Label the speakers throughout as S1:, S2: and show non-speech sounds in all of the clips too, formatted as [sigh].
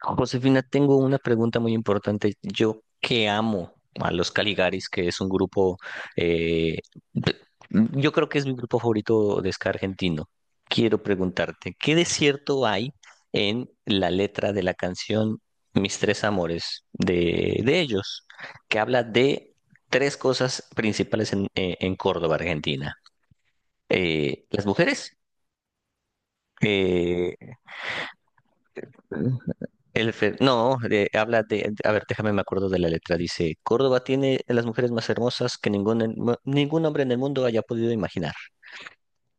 S1: Josefina, tengo una pregunta muy importante. Yo que amo a los Caligaris, que es un grupo, eh, p- yo creo que es mi grupo favorito de ska argentino. Quiero preguntarte, ¿qué desierto hay en la letra de la canción Mis tres amores de ellos, que habla de tres cosas principales en Córdoba, Argentina? Las mujeres, eh, el fe- No, de- habla de. A ver, déjame, me acuerdo de la letra. Dice, Córdoba tiene a las mujeres más hermosas que ningún hombre en el mundo haya podido imaginar.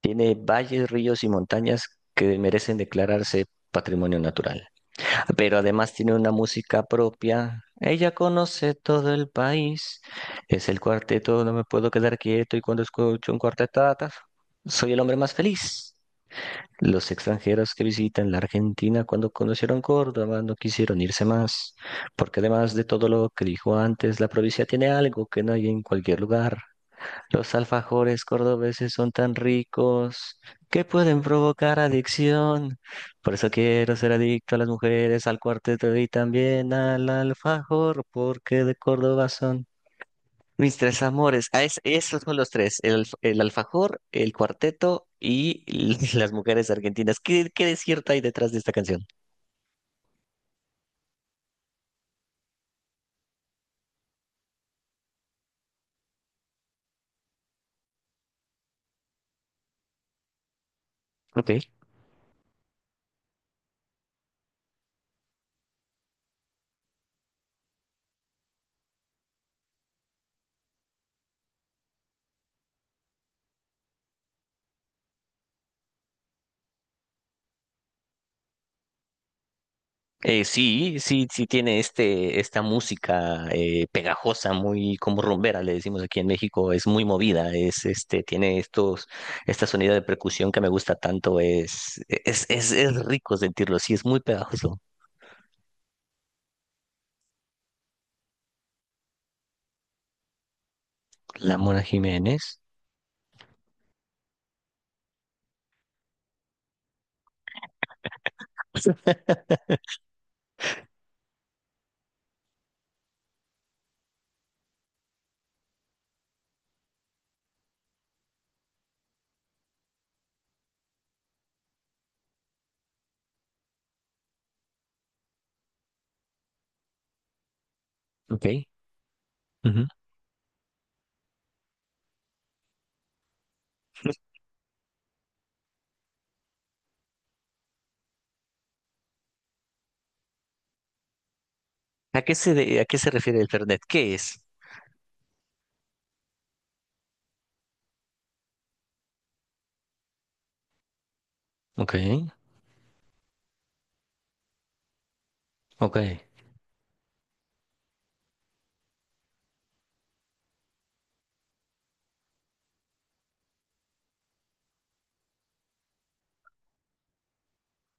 S1: Tiene valles, ríos y montañas que merecen declararse patrimonio natural. Pero además tiene una música propia. Ella conoce todo el país. Es el cuarteto, no me puedo quedar quieto y cuando escucho un cuarteto, soy el hombre más feliz. Los extranjeros que visitan la Argentina cuando conocieron Córdoba no quisieron irse más, porque además de todo lo que dijo antes, la provincia tiene algo que no hay en cualquier lugar. Los alfajores cordobeses son tan ricos que pueden provocar adicción. Por eso quiero ser adicto a las mujeres, al cuarteto y también al alfajor, porque de Córdoba son. Mis tres amores. Esos son los tres. El, el alfajor, el cuarteto y [laughs] las mujeres argentinas. ¿Qué desierto hay detrás de esta canción? Ok. Sí, sí, sí, tiene este, esta música, pegajosa, muy como rumbera, le decimos aquí en México, es muy movida, es este, tiene estos, esta sonido de percusión que me gusta tanto, es rico sentirlo, sí, es muy pegajoso. La Mona Jiménez. [laughs] Ok. Ujú. ¿A qué a qué se refiere el Fernet? ¿Qué es? Ok, ok.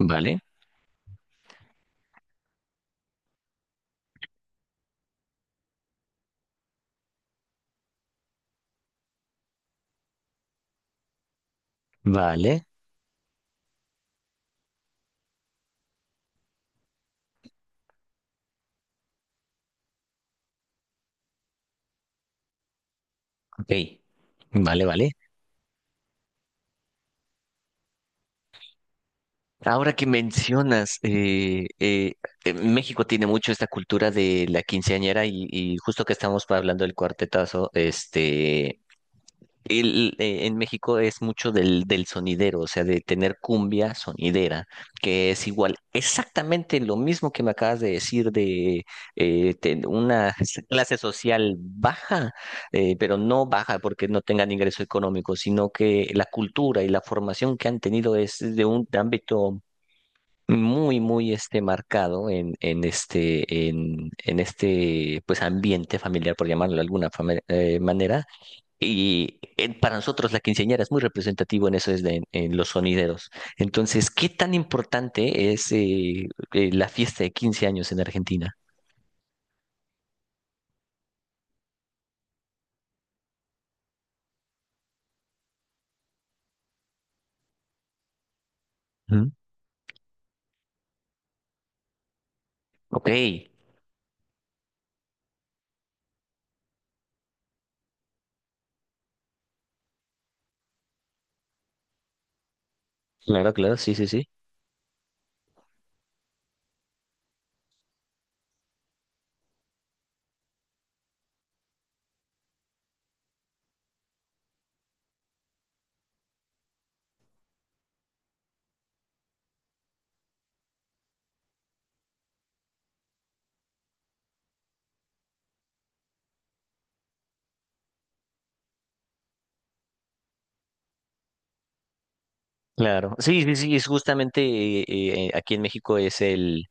S1: Vale, vale, ok. Vale, vale. Ahora que mencionas, México tiene mucho esta cultura de la quinceañera y justo que estamos hablando del cuartetazo, este, el, en México es mucho del sonidero, o sea, de tener cumbia sonidera, que es igual, exactamente lo mismo que me acabas de decir de una clase social baja, pero no baja porque no tengan ingreso económico, sino que la cultura y la formación que han tenido es de un ámbito muy este marcado en este pues ambiente familiar, por llamarlo de alguna manera, y para nosotros la quinceañera es muy representativo en eso, es los sonideros. Entonces, ¿qué tan importante es la fiesta de 15 años en Argentina? Ujú. Ok, claro, claro, sí, sí, sí. Claro, sí, sí, sí, es justamente aquí en México es el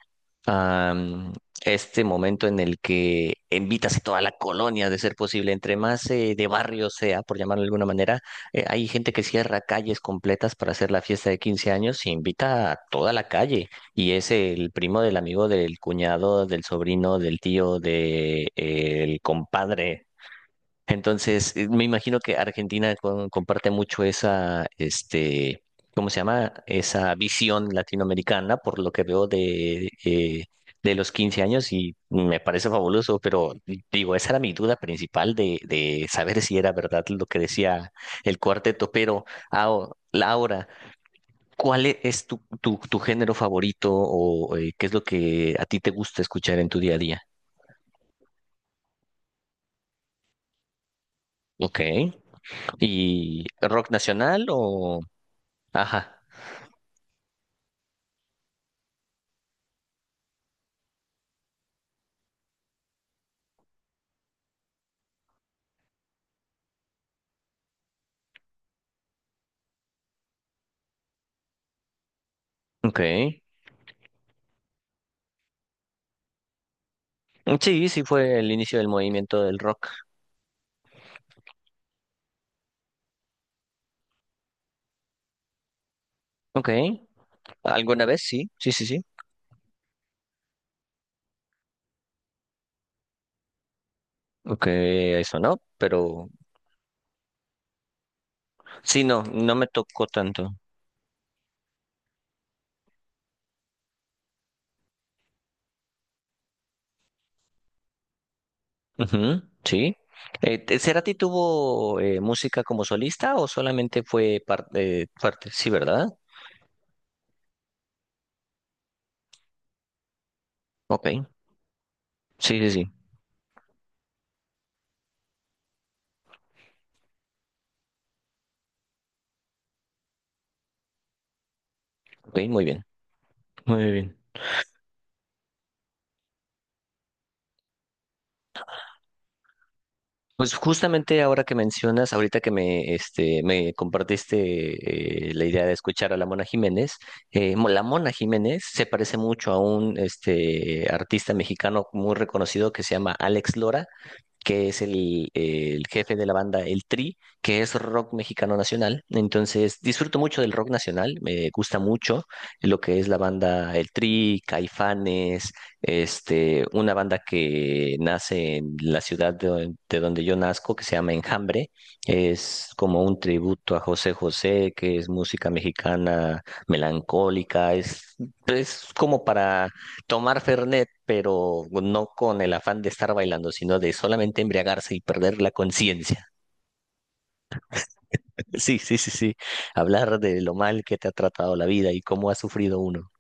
S1: am, este momento en el que invitas a toda la colonia, de ser posible, entre más de barrio sea, por llamarlo de alguna manera, hay gente que cierra calles completas para hacer la fiesta de 15 años y invita a toda la calle y es el primo del amigo del cuñado, del sobrino, del tío, del compadre. Entonces, me imagino que Argentina comparte mucho esa, este, ¿cómo se llama? Esa visión latinoamericana, por lo que veo de los 15 años y me parece fabuloso, pero digo, esa era mi duda principal de saber si era verdad lo que decía el cuarteto, pero Laura, ¿cuál es tu género favorito o qué es lo que a ti te gusta escuchar en tu día a día? Ok. ¿Y rock nacional o...? Ajá. Ok. Sí, sí fue el inicio del movimiento del rock. Ok. ¿Alguna vez? Sí, sí, sí, sí. Ok, eso no, pero sí, no, no me tocó tanto. Ujú, sí. ¿Cerati tuvo música como solista o solamente fue parte? Sí, ¿verdad? Ok. Sí, sí, sí. Ok, muy bien. Muy bien. Pues justamente ahora que mencionas, ahorita que me, este, me compartiste la idea de escuchar a la Mona Jiménez, la Mona Jiménez se parece mucho a un este, artista mexicano muy reconocido que se llama Alex Lora, que es el jefe de la banda El Tri, que es rock mexicano nacional. Entonces, disfruto mucho del rock nacional, me gusta mucho lo que es la banda El Tri, Caifanes, este, una banda que nace en la ciudad de donde yo nazco, que se llama Enjambre. Es como un tributo a José José, que es música mexicana melancólica, es como para tomar Fernet, pero no con el afán de estar bailando, sino de solamente embriagarse y perder la conciencia. [laughs] Sí, sí, sí, sí. Hablar de lo mal que te ha tratado la vida y cómo ha sufrido uno.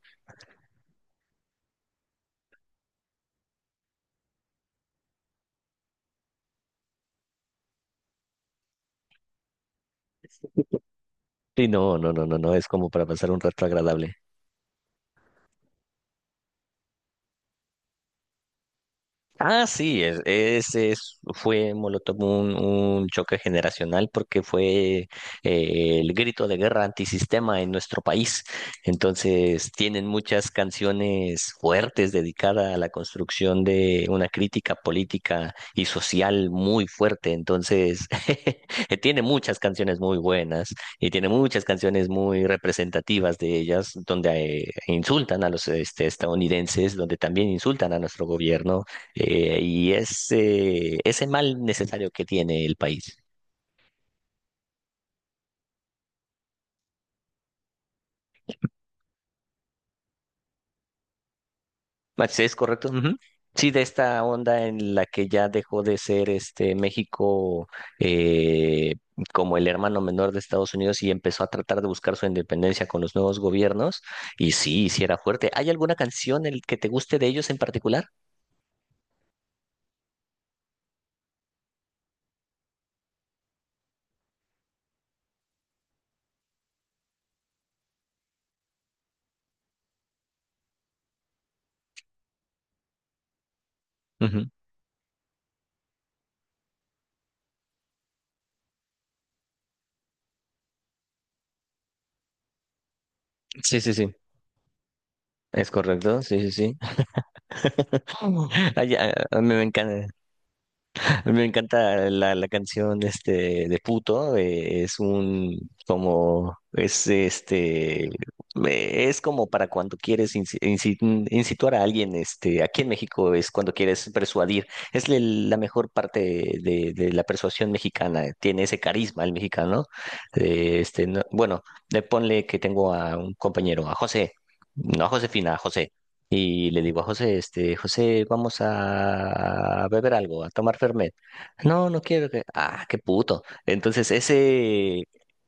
S1: Sí, no, no, no, no, no, es como para pasar un rato agradable. Ah, sí, fue Molotov un choque generacional porque fue el grito de guerra antisistema en nuestro país. Entonces, tienen muchas canciones fuertes dedicadas a la construcción de una crítica política y social muy fuerte. Entonces, [laughs] tiene muchas canciones muy buenas y tiene muchas canciones muy representativas de ellas, donde insultan a los este, estadounidenses, donde también insultan a nuestro gobierno, y ese mal necesario que tiene el país. Ah, sí, es correcto. Ujú. Sí, de esta onda en la que ya dejó de ser este México, eh, como el hermano menor de Estados Unidos y empezó a tratar de buscar su independencia con los nuevos gobiernos. Y sí, sí era fuerte. ¿Hay alguna canción el que te guste de ellos en particular? Ujú. Sí, sí, sí. Es correcto, sí, sí, sí. [laughs] Ay, a mí me encanta. [laughs] Me encanta la canción este de Puto, es un como es este es como para cuando quieres incituar a alguien, este aquí en México es cuando quieres persuadir, es la mejor parte de la persuasión mexicana, tiene ese carisma el mexicano. Bueno, le ponle que tengo a un compañero, a José, no a Josefina, a José. Y le digo a José, este, José, vamos a beber algo, a tomar Fernet. No, no quiero que. Ah, qué puto. Entonces, ese.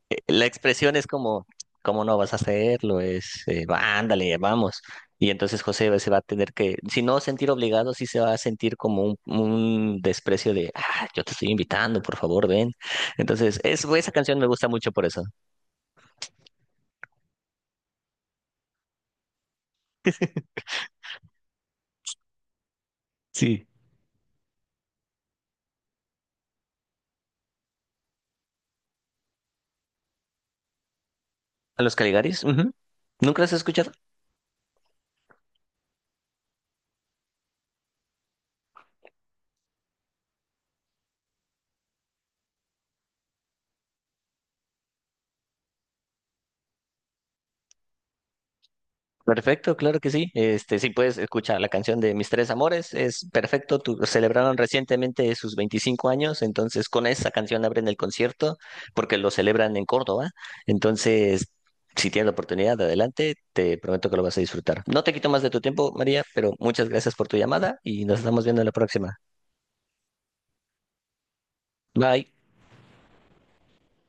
S1: La expresión es como, ¿cómo no vas a hacerlo? Es, va, ándale, vamos. Y entonces José se va a tener que, si no sentir obligado, sí se va a sentir como un desprecio de, ah, yo te estoy invitando, por favor, ven. Entonces, es, esa canción me gusta mucho por eso. Sí. ¿A los Caligaris? Ujú. ¿Nunca las has escuchado? Perfecto, claro que sí. Este, sí puedes escuchar la canción de Mis Tres Amores, es perfecto. Celebraron recientemente sus 25 años, entonces con esa canción abren el concierto porque lo celebran en Córdoba. Entonces, si tienes la oportunidad, adelante, te prometo que lo vas a disfrutar. No te quito más de tu tiempo, María, pero muchas gracias por tu llamada y nos estamos viendo en la próxima. Bye.